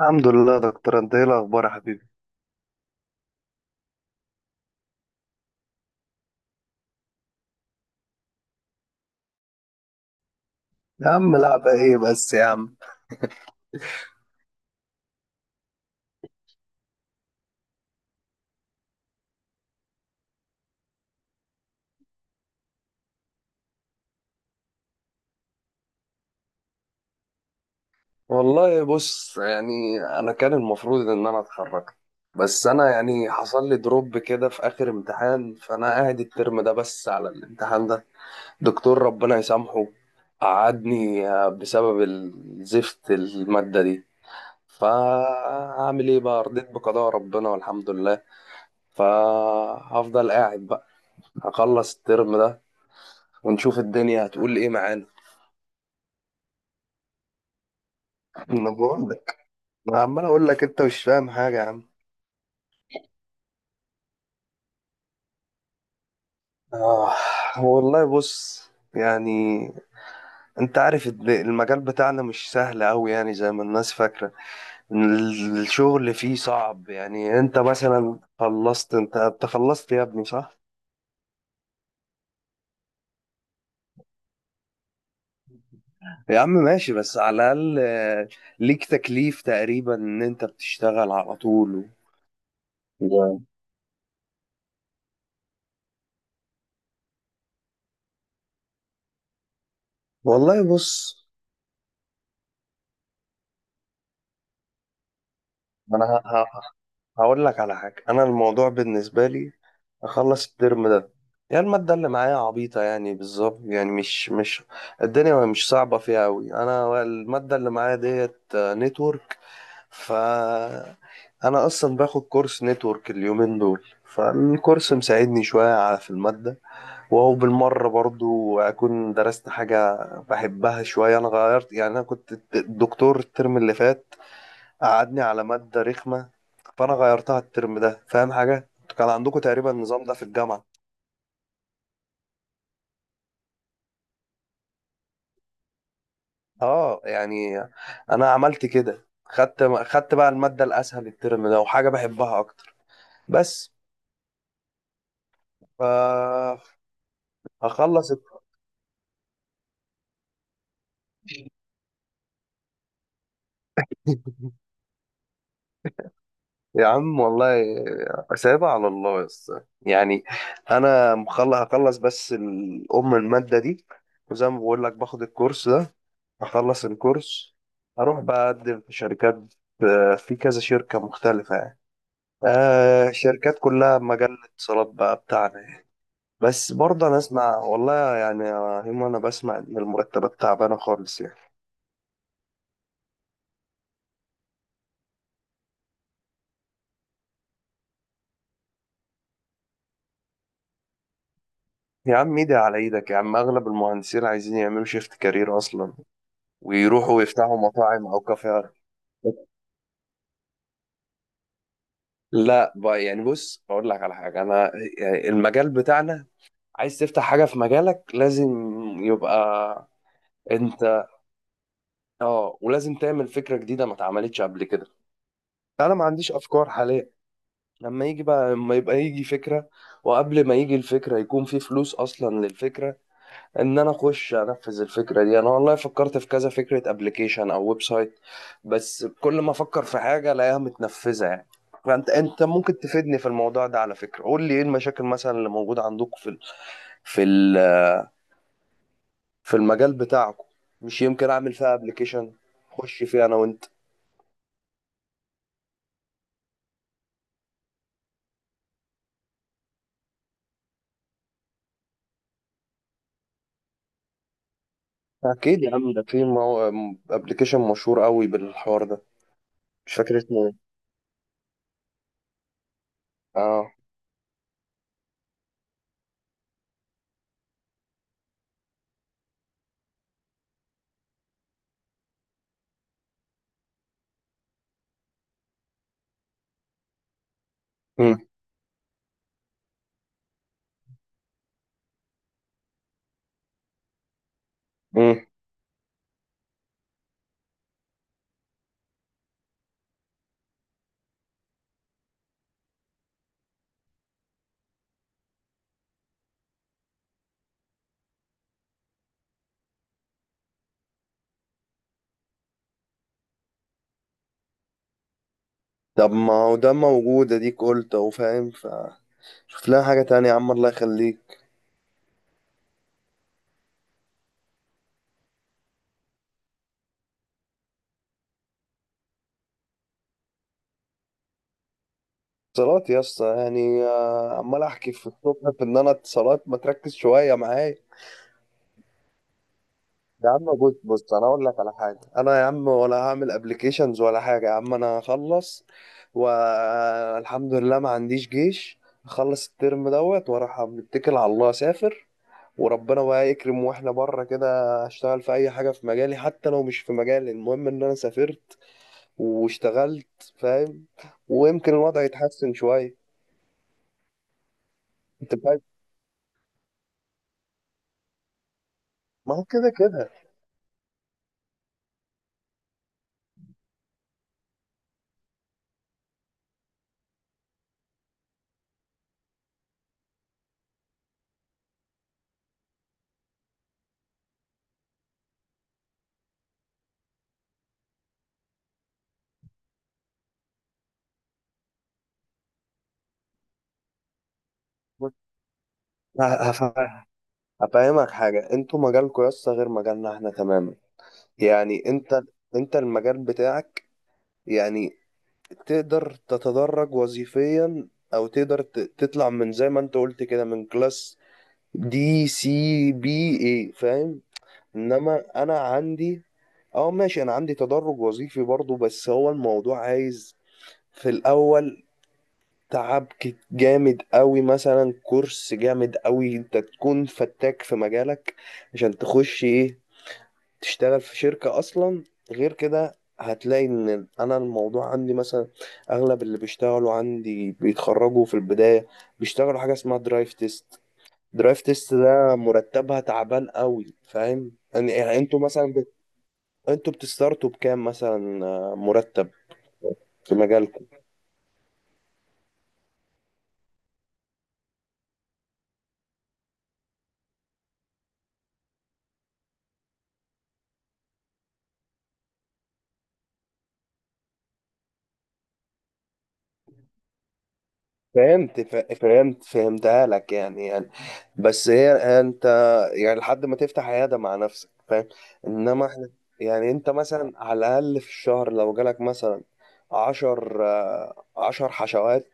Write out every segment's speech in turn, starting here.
الحمد لله يا دكتور، انت ايه الاخبار يا حبيبي؟ يا عم، لعبة ايه بس يا عم؟ والله بص، يعني انا كان المفروض ان انا اتخرج. بس انا يعني حصل لي دروب كده في اخر امتحان، فانا قاعد الترم ده بس على الامتحان ده. دكتور ربنا يسامحه قعدني بسبب الزفت المادة دي. فهعمل ايه بقى، رضيت بقضاء ربنا والحمد لله. فهفضل قاعد بقى، هخلص الترم ده ونشوف الدنيا هتقول ايه معانا. انا بقول لك، انا عمال اقول لك انت مش فاهم حاجه يا عم. آه، والله بص يعني، انت عارف المجال بتاعنا مش سهل قوي، يعني زي ما الناس فاكره. الشغل فيه صعب، يعني انت مثلا خلصت، انت خلصت يا ابني، صح؟ يا عم ماشي، بس على الاقل ليك تكليف تقريبا ان انت بتشتغل على طول و... والله بص، انا هقول لك على حاجه، انا الموضوع بالنسبه لي اخلص الترم ده. يعني المادة اللي معايا عبيطة يعني بالظبط، يعني مش الدنيا مش صعبة فيها أوي، أنا المادة اللي معايا ديت نتورك. ف أنا أصلا باخد كورس نتورك اليومين دول، فالكورس مساعدني شوية على في المادة، وهو بالمرة برضو أكون درست حاجة بحبها شوية. أنا غيرت يعني، أنا كنت الدكتور الترم اللي فات قعدني على مادة رخمة، فأنا غيرتها الترم ده، فاهم حاجة؟ كان عندكم تقريبا النظام ده في الجامعة. اه، يعني انا عملت كده، خدت بقى المادة الاسهل الترم ده، وحاجة بحبها اكتر. بس. ف هخلص الت- يا عم والله، سايبها على الله بس، يعني انا مخلص، هخلص بس الام المادة دي، وزي ما بقول لك باخد الكورس ده، هخلص الكورس، هروح بقى اقدم في شركات، في كذا شركة مختلفة يعني، شركات كلها مجال الاتصالات بقى بتاعنا. بس برضه انا اسمع والله، يعني يا هيما انا بسمع ان المرتبات تعبانه خالص يعني. يا عم ايدي على ايدك، يا عم اغلب المهندسين عايزين يعملوا شيفت كارير اصلا، ويروحوا ويفتحوا مطاعم او كافيهات. لا بقى، يعني بص اقول لك على حاجه، انا يعني المجال بتاعنا، عايز تفتح حاجه في مجالك لازم يبقى انت، اه، ولازم تعمل فكره جديده ما اتعملتش قبل كده. انا ما عنديش افكار حاليا، لما يجي بقى، لما يبقى يجي فكره، وقبل ما يجي الفكره يكون في فلوس اصلا للفكره، ان انا اخش انفذ الفكره دي. انا والله فكرت في كذا فكره، ابلكيشن او ويب سايت، بس كل ما افكر في حاجه الاقيها متنفذه يعني. فانت ممكن تفيدني في الموضوع ده، على فكره قول لي ايه المشاكل مثلا اللي موجوده عندكم في ال- في المجال بتاعكم. مش يمكن اعمل فيها ابلكيشن اخش فيه انا وانت؟ اكيد يا عم، ده في ابلكيشن مشهور قوي بالحوار ده، مش فاكر اسمه ايه. اه. مم. مم. طب ما هو ده موجود، اديك قلت اهو فاهم، فشوف لها حاجه تانية يا عم الله يخليك. اتصالات يا اسطى، يعني عمال احكي في الصبح في ان انا اتصالات، ما تركز شويه معايا. يا عم بص بص، انا اقول لك على حاجه، انا يا عم ولا هعمل ابلكيشنز ولا حاجه، يا عم انا هخلص والحمد لله ما عنديش جيش، هخلص الترم دوت واروح متكل على الله اسافر، وربنا بقى يكرم واحنا بره كده، اشتغل في اي حاجه في مجالي، حتى لو مش في مجالي، المهم ان انا سافرت واشتغلت، فاهم؟ ويمكن الوضع يتحسن شويه. انت فاهم، ما هو كده كده. ه- هف- هفهمك حاجة، انتوا مجالكوا يسطا غير مجالنا احنا تماما. يعني انت المجال بتاعك، يعني تقدر تتدرج وظيفيا، او تقدر تطلع من زي ما انت قلت كده، من كلاس دي، سي، بي، اي، فاهم. انما انا عندي، اه ماشي، انا عندي تدرج وظيفي برضو، بس هو الموضوع عايز في الاول تعب جامد قوي، مثلا كورس جامد قوي انت تكون فتاك في مجالك عشان تخش ايه، تشتغل في شركة اصلا. غير كده هتلاقي ان انا الموضوع عندي مثلا، اغلب اللي بيشتغلوا عندي بيتخرجوا في البداية، بيشتغلوا حاجة اسمها درايف تيست. درايف تيست ده مرتبها تعبان قوي، فاهم يعني انتوا مثلا انتوا بتستارتوا بكام مثلا، مرتب في مجالكم؟ فهمت فهمتها لك، يعني بس هي، انت يعني لحد ما تفتح عياده مع نفسك، فاهم. انما احنا، يعني انت مثلا على الاقل في الشهر لو جالك مثلا عشر حشوات.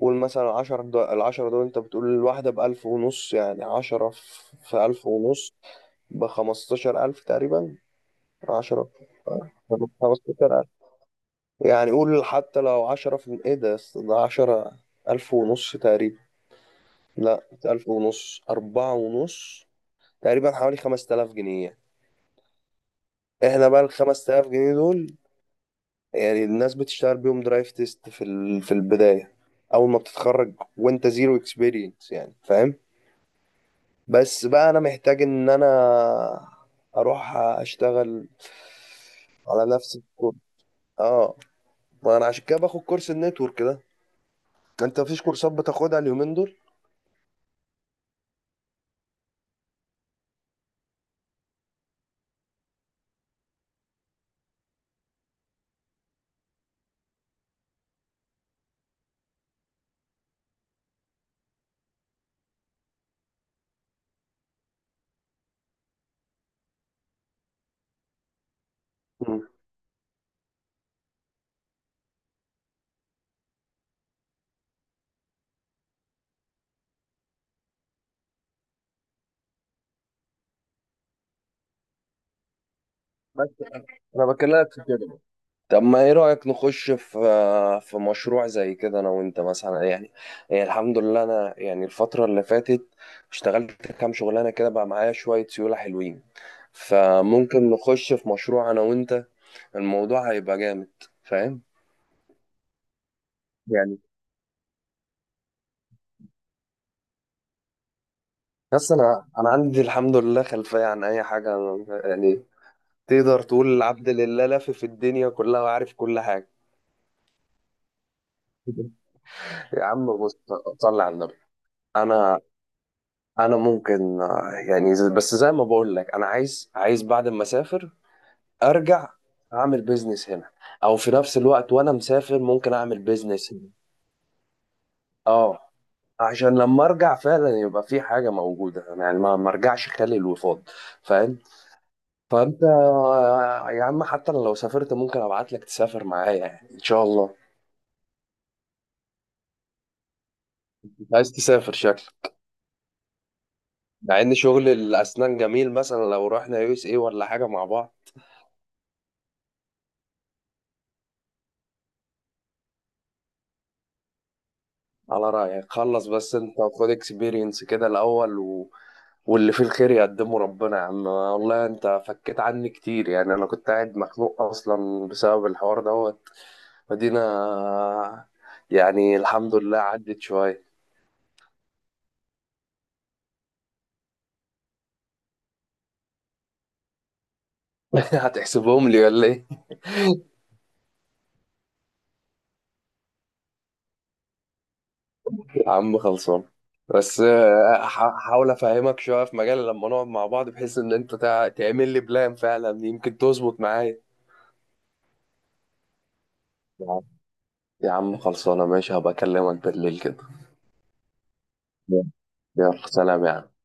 قول مثلا عشر دو العشرة دول، انت بتقول الواحدة بألف ونص، يعني عشرة في ألف ونص، بخمستاشر ألف تقريبا. عشرة خمستاشر ألف، يعني قول حتى لو عشرة في ايه ده عشرة، ألف ونص تقريبا. لا، ألف ونص أربعة ونص تقريبا، حوالي خمس تلاف جنيه. احنا بقى الخمس تلاف جنيه دول، يعني الناس بتشتغل بيهم درايف تيست في البداية، أول ما بتتخرج وأنت زيرو اكسبيرينس يعني، فاهم. بس بقى أنا محتاج إن أنا أروح أشتغل على نفس الكورس. اه، ما أنا عشان كده باخد كورس النتورك ده. أنت مفيش كورسات بتاخدها اليومين دول؟ مم. بس أنا بكلمك في كده. طب ما ايه رأيك، نخش في مشروع زي كده انا وانت مثلا، يعني يعني الحمد لله انا، يعني الفترة اللي فاتت اشتغلت كام شغلانة، كده بقى معايا شوية سيولة حلوين. فممكن نخش في مشروع انا وانت، الموضوع هيبقى جامد، فاهم يعني. بس انا عندي الحمد لله خلفية عن اي حاجة يعني، تقدر تقول العبد لله لافف في الدنيا كلها وعارف كل حاجة. يا عم بص، صلي على النبي، انا انا ممكن يعني بس زي ما بقول لك، انا عايز بعد ما اسافر ارجع اعمل بيزنس هنا، او في نفس الوقت وانا مسافر ممكن اعمل بيزنس هنا. اه، عشان لما ارجع فعلا يبقى في حاجه موجوده، يعني ما ارجعش خالي الوفاض، فاهم. فانت يا عم، حتى أنا لو سافرت ممكن ابعت لك تسافر معايا، يعني ان شاء الله. انت عايز تسافر شكلك، مع ان شغل الاسنان جميل، مثلا لو رحنا USA ولا حاجه مع بعض. على رأيك خلص، بس انت خد اكسبيرينس كده الأول. واللي فيه الخير يقدمه ربنا، يا عم والله انت فكيت عني كتير، يعني انا كنت قاعد مخنوق اصلا بسبب الحوار دوت، فدينا، يعني الحمد لله عدت شوية. هتحسبهم لي ولا ايه؟ يا عم خلصان، بس هحاول افهمك شوية في مجال لما نقعد مع بعض، بحيث ان انت تعمل لي بلان فعلا، يمكن تظبط معايا. يا عم، يا عم خلصانة ماشي، هبقى اكلمك بالليل كده. يلا، سلام يا عم.